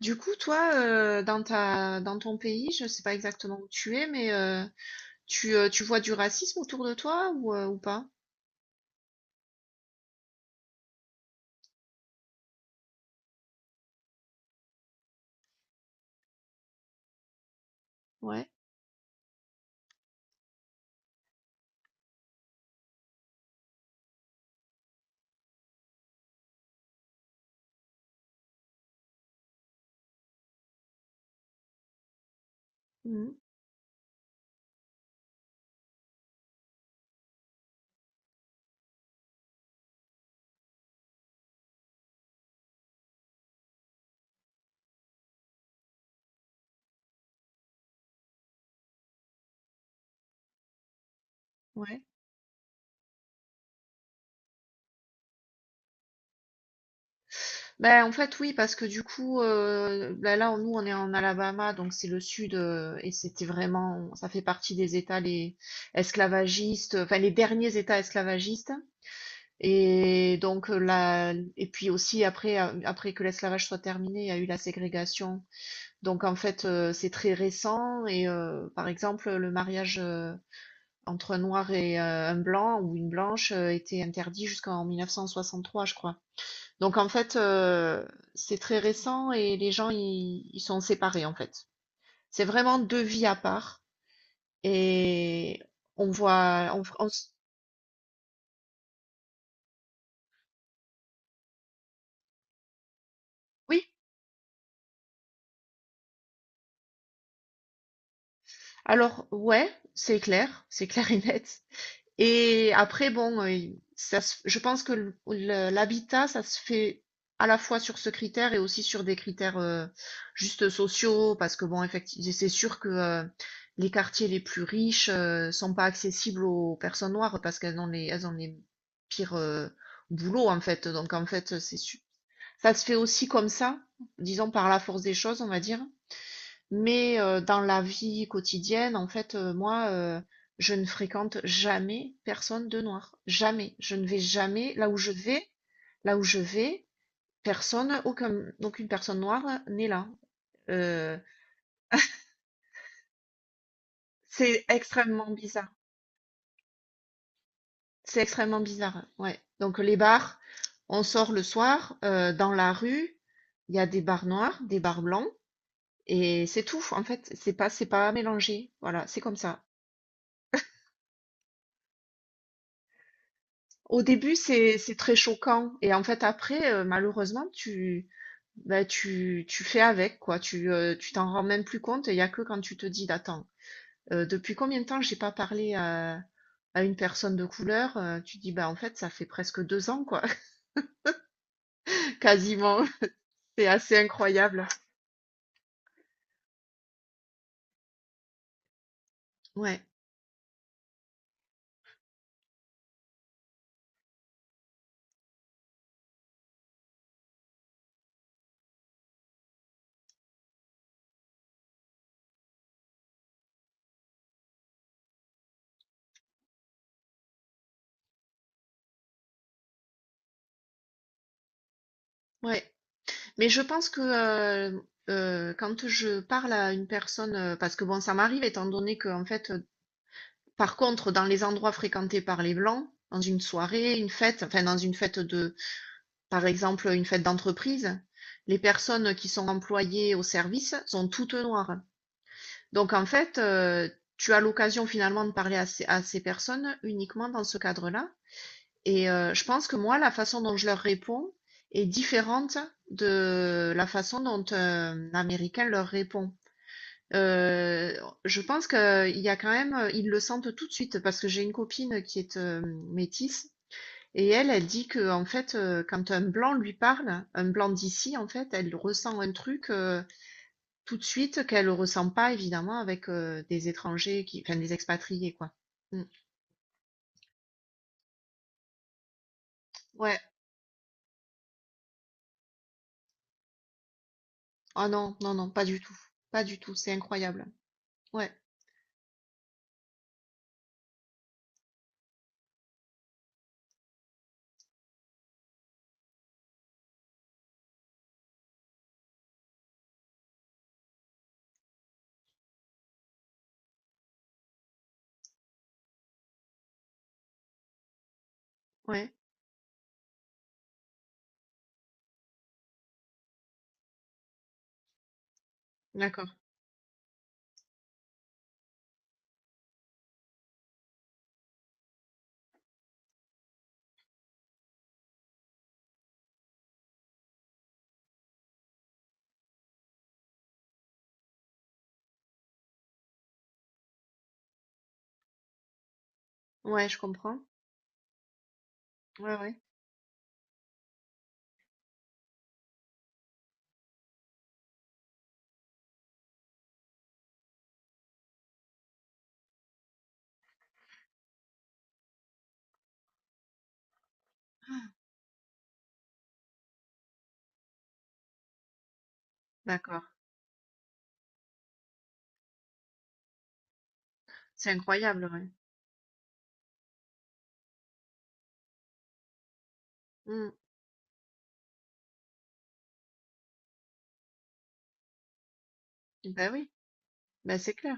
Du coup, toi, dans ta, dans ton pays, je sais pas exactement où tu es, mais tu vois du racisme autour de toi ou pas? Ouais. Mhm. Ouais. Ben, en fait, oui, parce que du coup, ben là, nous, on est en Alabama, donc c'est le sud, et c'était vraiment, ça fait partie des États les esclavagistes, enfin les derniers États esclavagistes. Et donc, et puis aussi, après que l'esclavage soit terminé, il y a eu la ségrégation. Donc en fait, c'est très récent et par exemple, le mariage, entre un noir et un blanc ou une blanche, était interdit jusqu'en 1963, je crois. Donc en fait, c'est très récent et les gens ils sont séparés, en fait. C'est vraiment 2 vies à part et on voit on f on s oui, alors ouais, c'est clair et net. Et après, bon, je pense que l'habitat, ça se fait à la fois sur ce critère et aussi sur des critères, juste sociaux, parce que bon, effectivement, c'est sûr que les quartiers les plus riches sont pas accessibles aux personnes noires parce qu'elles ont les, elles ont les pires boulots en fait. Donc en fait, ça se fait aussi comme ça, disons par la force des choses, on va dire. Mais dans la vie quotidienne, en fait, moi, je ne fréquente jamais personne de noir. Jamais. Je ne vais jamais là où je vais. Là où je vais, personne, aucun, aucune personne noire n'est là. Euh, c'est extrêmement bizarre. C'est extrêmement bizarre. Ouais. Donc les bars, on sort le soir, dans la rue, il y a des bars noirs, des bars blancs, et c'est tout. En fait, c'est pas mélangé. Voilà, c'est comme ça. Au début, c'est très choquant et en fait après, malheureusement, tu fais avec quoi. Tu t'en rends même plus compte. Il y a que quand tu te dis: bah, attends, depuis combien de temps j'ai pas parlé à une personne de couleur?» Tu dis: «Bah, en fait, ça fait presque 2 ans quoi, quasiment». C'est assez incroyable. Ouais, ouais. Mais je pense que, heu quand je parle à une personne, parce que bon, ça m'arrive étant donné que en fait, par contre, dans les endroits fréquentés par les blancs, dans une soirée, une fête, enfin dans une fête de, par exemple, une fête d'entreprise, les personnes qui sont employées au service sont toutes noires. Donc en fait, tu as l'occasion finalement de parler à à ces personnes uniquement dans ce cadre-là. Et je pense que moi, la façon dont je leur réponds est différente de la façon dont un Américain leur répond. Heu, je pense qu'il y a quand même, ils le sentent tout de suite parce que j'ai une copine qui est, métisse et elle, elle dit que en fait, quand un blanc lui parle, un blanc d'ici en fait, elle ressent un truc, tout de suite qu'elle ressent pas évidemment avec, des étrangers qui, des expatriés quoi. Mmh. Ouais. Ah non, non, non, pas du tout, pas du tout, c'est incroyable. Ouais, ouais, d'accord. Ouais, je comprends. Ouais, ouais. Ah, d'accord. C'est incroyable, ouais. Mmh. Bah oui, bah c'est clair.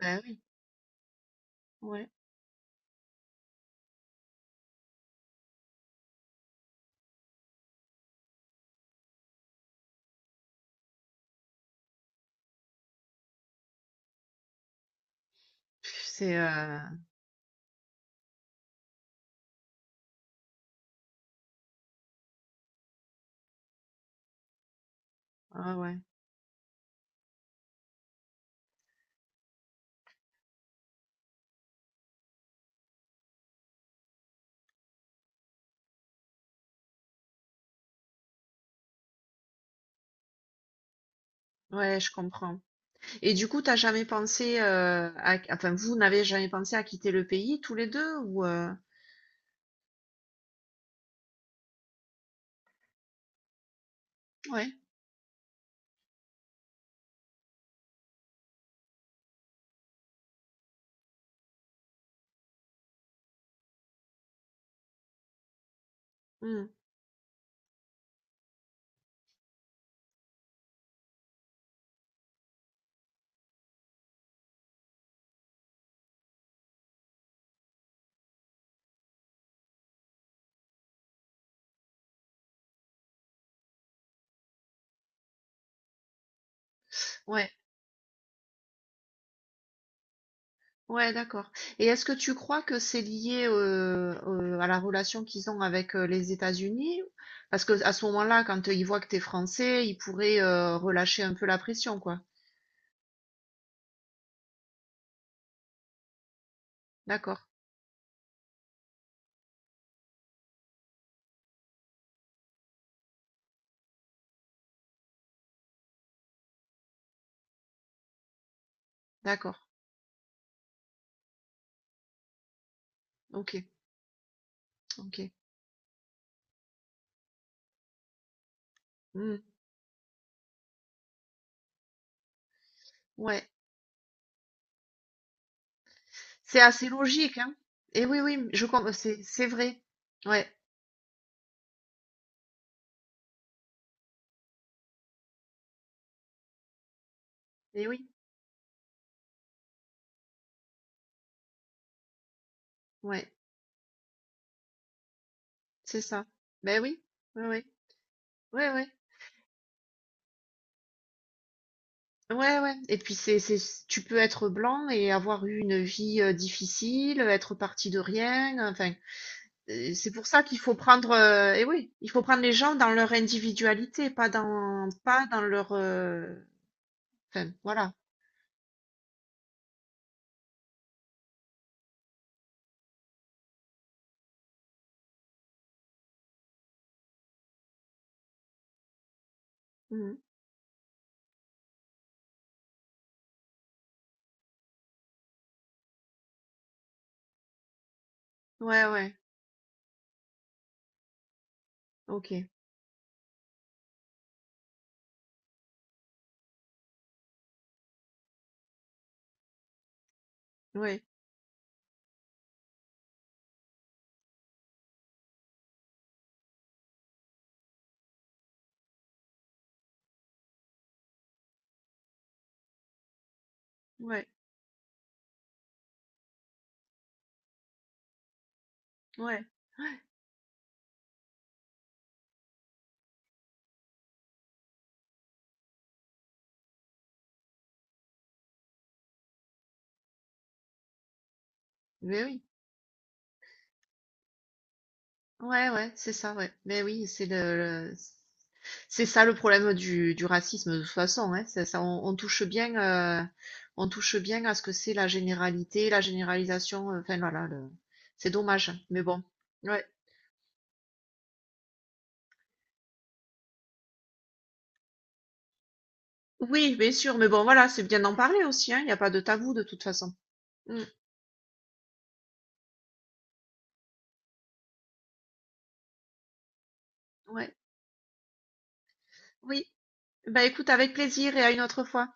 Bah oui. Ouais, c'est, ah ouais, ouais, je comprends et du coup, t'as jamais pensé, à enfin, vous n'avez jamais pensé à quitter le pays tous les 2 ou? Ouais, mmh, ouais, ouais, d'accord et est-ce que tu crois que c'est lié, à la relation qu'ils ont avec, les États-Unis? Parce que à ce moment-là, quand, ils voient que t'es français, ils pourraient, relâcher un peu la pression, quoi. D'accord, d'accord, OK, OK. Mmh, ouais. C'est assez logique, hein? Et oui, oui, c'est vrai. Ouais. Et oui, ouais, c'est ça. Ben oui, ouais, ouais, ouais, ouais, ouais, ouais. Et puis c'est, tu peux être blanc et avoir eu une vie difficile, être parti de rien. Enfin, c'est pour ça qu'il faut prendre. Eh oui, il faut prendre les gens dans leur individualité, pas dans leur. Voilà. Mhm. Ouais, ouais. Ok. Ouais, ouais, ouais. Mais oui. Ouais, ouais, c'est ça, ouais. Mais oui, c'est le- c'est ça le problème du racisme de toute façon, hein. Ça, on touche bien à ce que c'est la généralité, la généralisation. Enfin voilà, le- c'est dommage, mais bon. Ouais. Oui, bien sûr, mais bon, voilà, c'est bien d'en parler aussi, hein. Il n'y a pas de tabou de toute façon. Mm, ouais. Oui. Bah écoute, avec plaisir et à une autre fois.